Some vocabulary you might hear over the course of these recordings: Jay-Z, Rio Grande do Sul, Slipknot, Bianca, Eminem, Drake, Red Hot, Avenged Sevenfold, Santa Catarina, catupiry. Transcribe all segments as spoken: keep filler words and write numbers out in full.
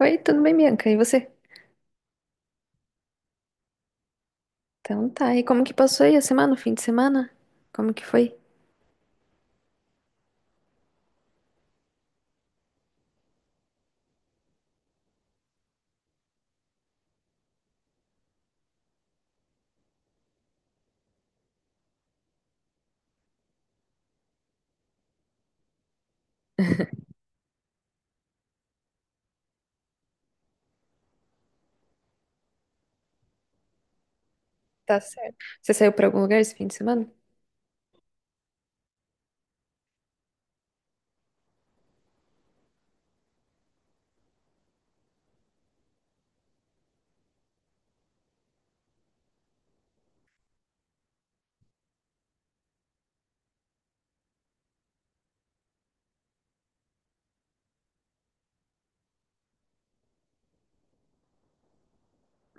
Oi, tudo bem, Bianca? E você? Então tá. E como que passou aí a semana, o fim de semana? Como que foi? Tá certo. Você saiu pra algum lugar esse fim de semana?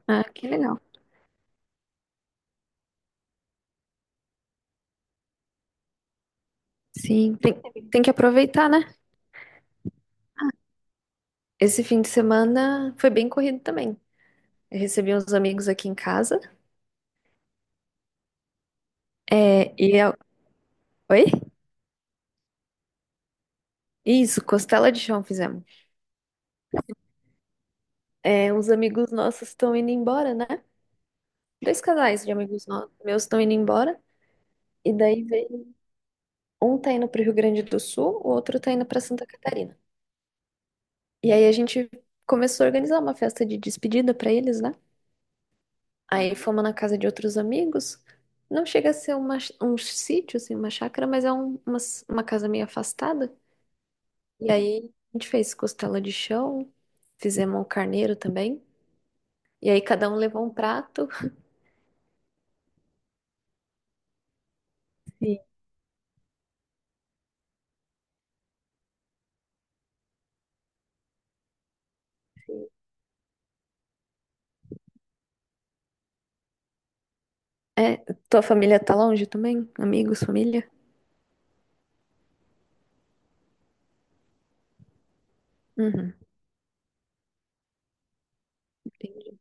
Ah, que legal. Sim, tem, tem que aproveitar, né? Esse fim de semana foi bem corrido também. Eu recebi uns amigos aqui em casa. É, e eu... Oi? Isso, costela de chão fizemos. É, uns amigos nossos estão indo embora, né? Dois casais de amigos no- meus estão indo embora. E daí veio... Um tá indo pro Rio Grande do Sul, o outro tá indo pra Santa Catarina. E aí a gente começou a organizar uma festa de despedida pra eles, né? Aí fomos na casa de outros amigos. Não chega a ser uma, um sítio, assim, uma chácara, mas é um- uma, uma casa meio afastada. E aí a gente fez costela de chão, fizemos um carneiro também. E aí cada um levou um prato. Sim. É, tua família tá longe também? Amigos, família? Uhum, entendi.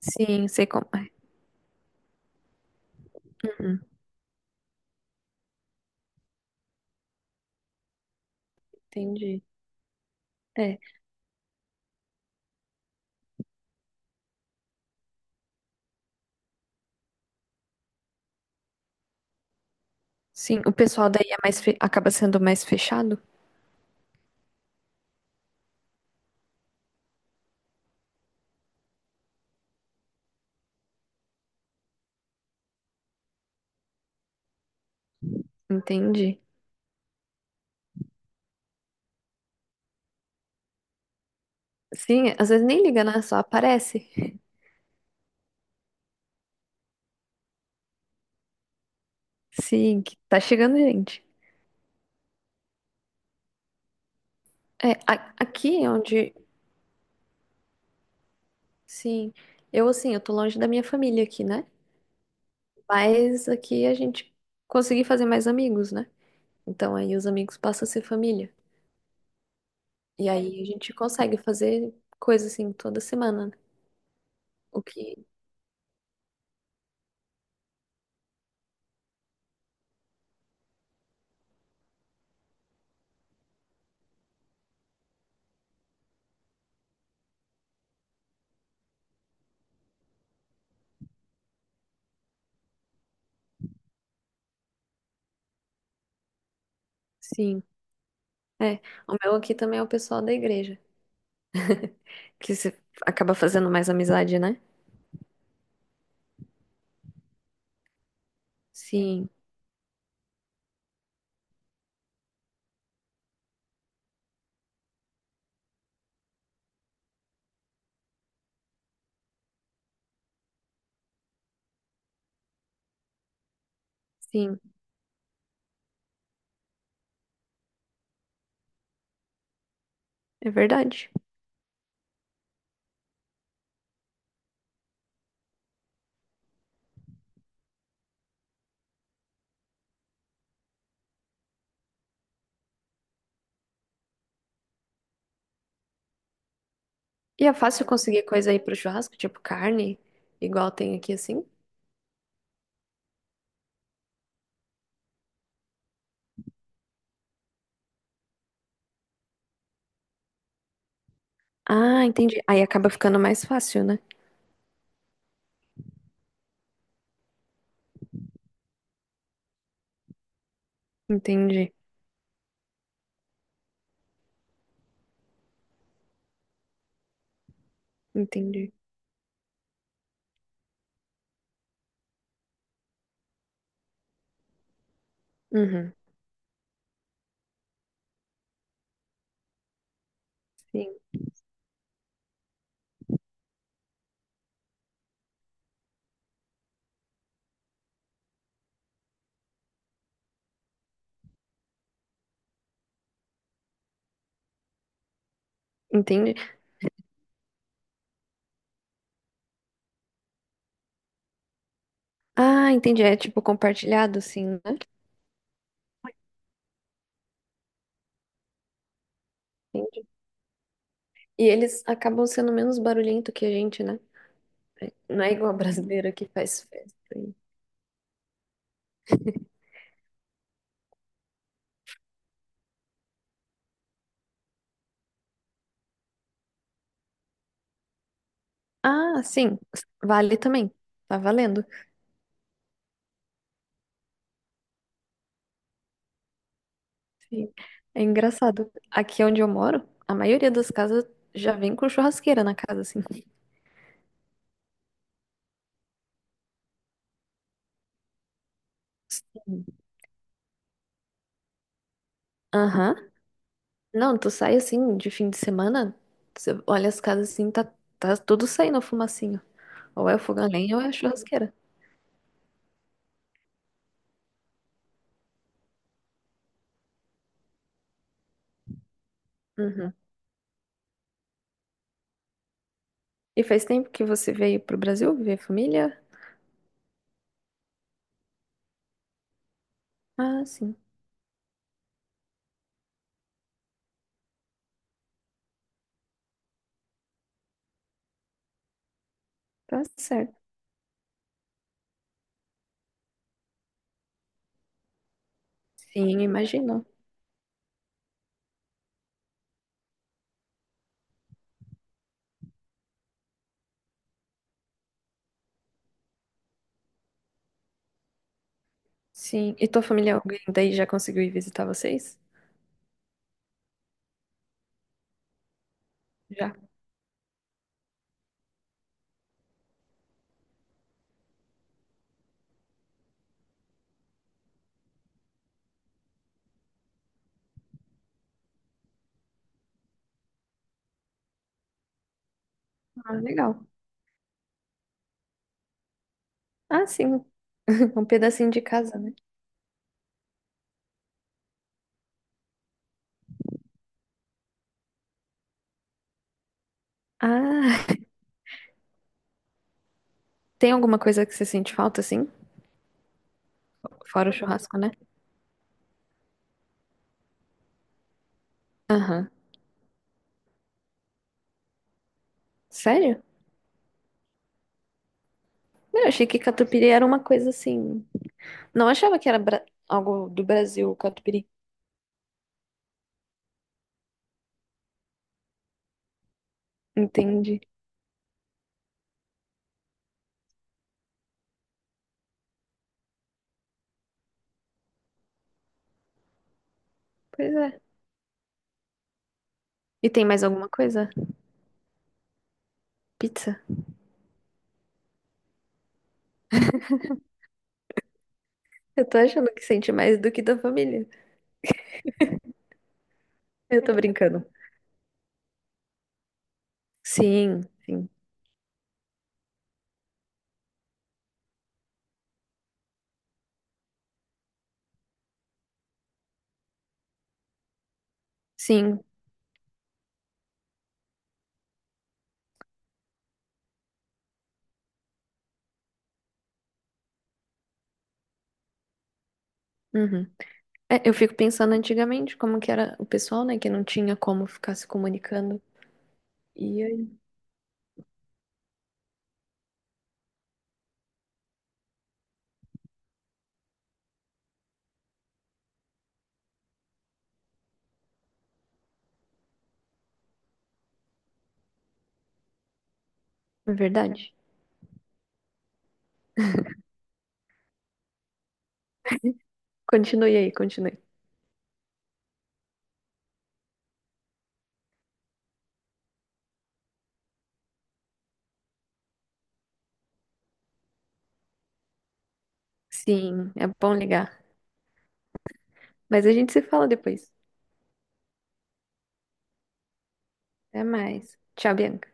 Sim, sei como é. Uhum, entendi. É, sim, o pessoal daí é mais fe- acaba sendo mais fechado? Entendi. Sim, às vezes nem liga, né? Só aparece. Sim, que tá chegando gente. É, a- aqui é onde, sim, eu assim, eu tô longe da minha família aqui, né? Mas aqui a gente consegui fazer mais amigos, né? Então aí os amigos passam a ser família. E aí a gente consegue fazer coisa assim toda semana, né? O que, sim, é. O meu aqui também é o pessoal da igreja, que você acaba fazendo mais amizade, né? Sim, sim, é verdade. E é fácil conseguir coisa aí pro churrasco, tipo carne, igual tem aqui assim? Ah, entendi. Aí acaba ficando mais fácil, né? Entendi, entendi. Uhum, sim, entendi. Ah, entendi. É tipo compartilhado, assim, né? Entendi. E eles acabam sendo menos barulhento que a gente, né? Não é igual brasileiro que faz festa aí. Ah, sim. Vale também. Tá valendo. Sim. É engraçado. Aqui onde eu moro, a maioria das casas já vem com churrasqueira na casa, assim. Sim. Aham. Não, tu sai assim de fim de semana, você olha as casas assim, tá, tá tudo saindo fumacinho. Ou é o fogão a lenha ou é a churrasqueira. Uhum. E faz tempo que você veio pro Brasil ver família? Ah, sim, tá certo. Sim, imagino. Sim. E tua família, alguém daí já conseguiu ir visitar vocês? Já. Ah, legal. Ah, sim. Um pedacinho de casa, né? Ah, tem alguma coisa que você sente falta assim? Fora o churrasco, né? Aham. Sério? Eu achei que catupiry era uma coisa assim. Não achava que era bra- algo do Brasil, o catupiry. Entendi. Pois é. E tem mais alguma coisa? Pizza? Eu tô achando que sente mais do que da família. Eu tô brincando. Sim, sim, sim. Uhum. É, eu fico pensando antigamente como que era o pessoal, né, que não tinha como ficar se comunicando. E aí? É verdade. Continue aí, continue. Sim, é bom ligar. Mas a gente se fala depois. Até mais. Tchau, Bianca.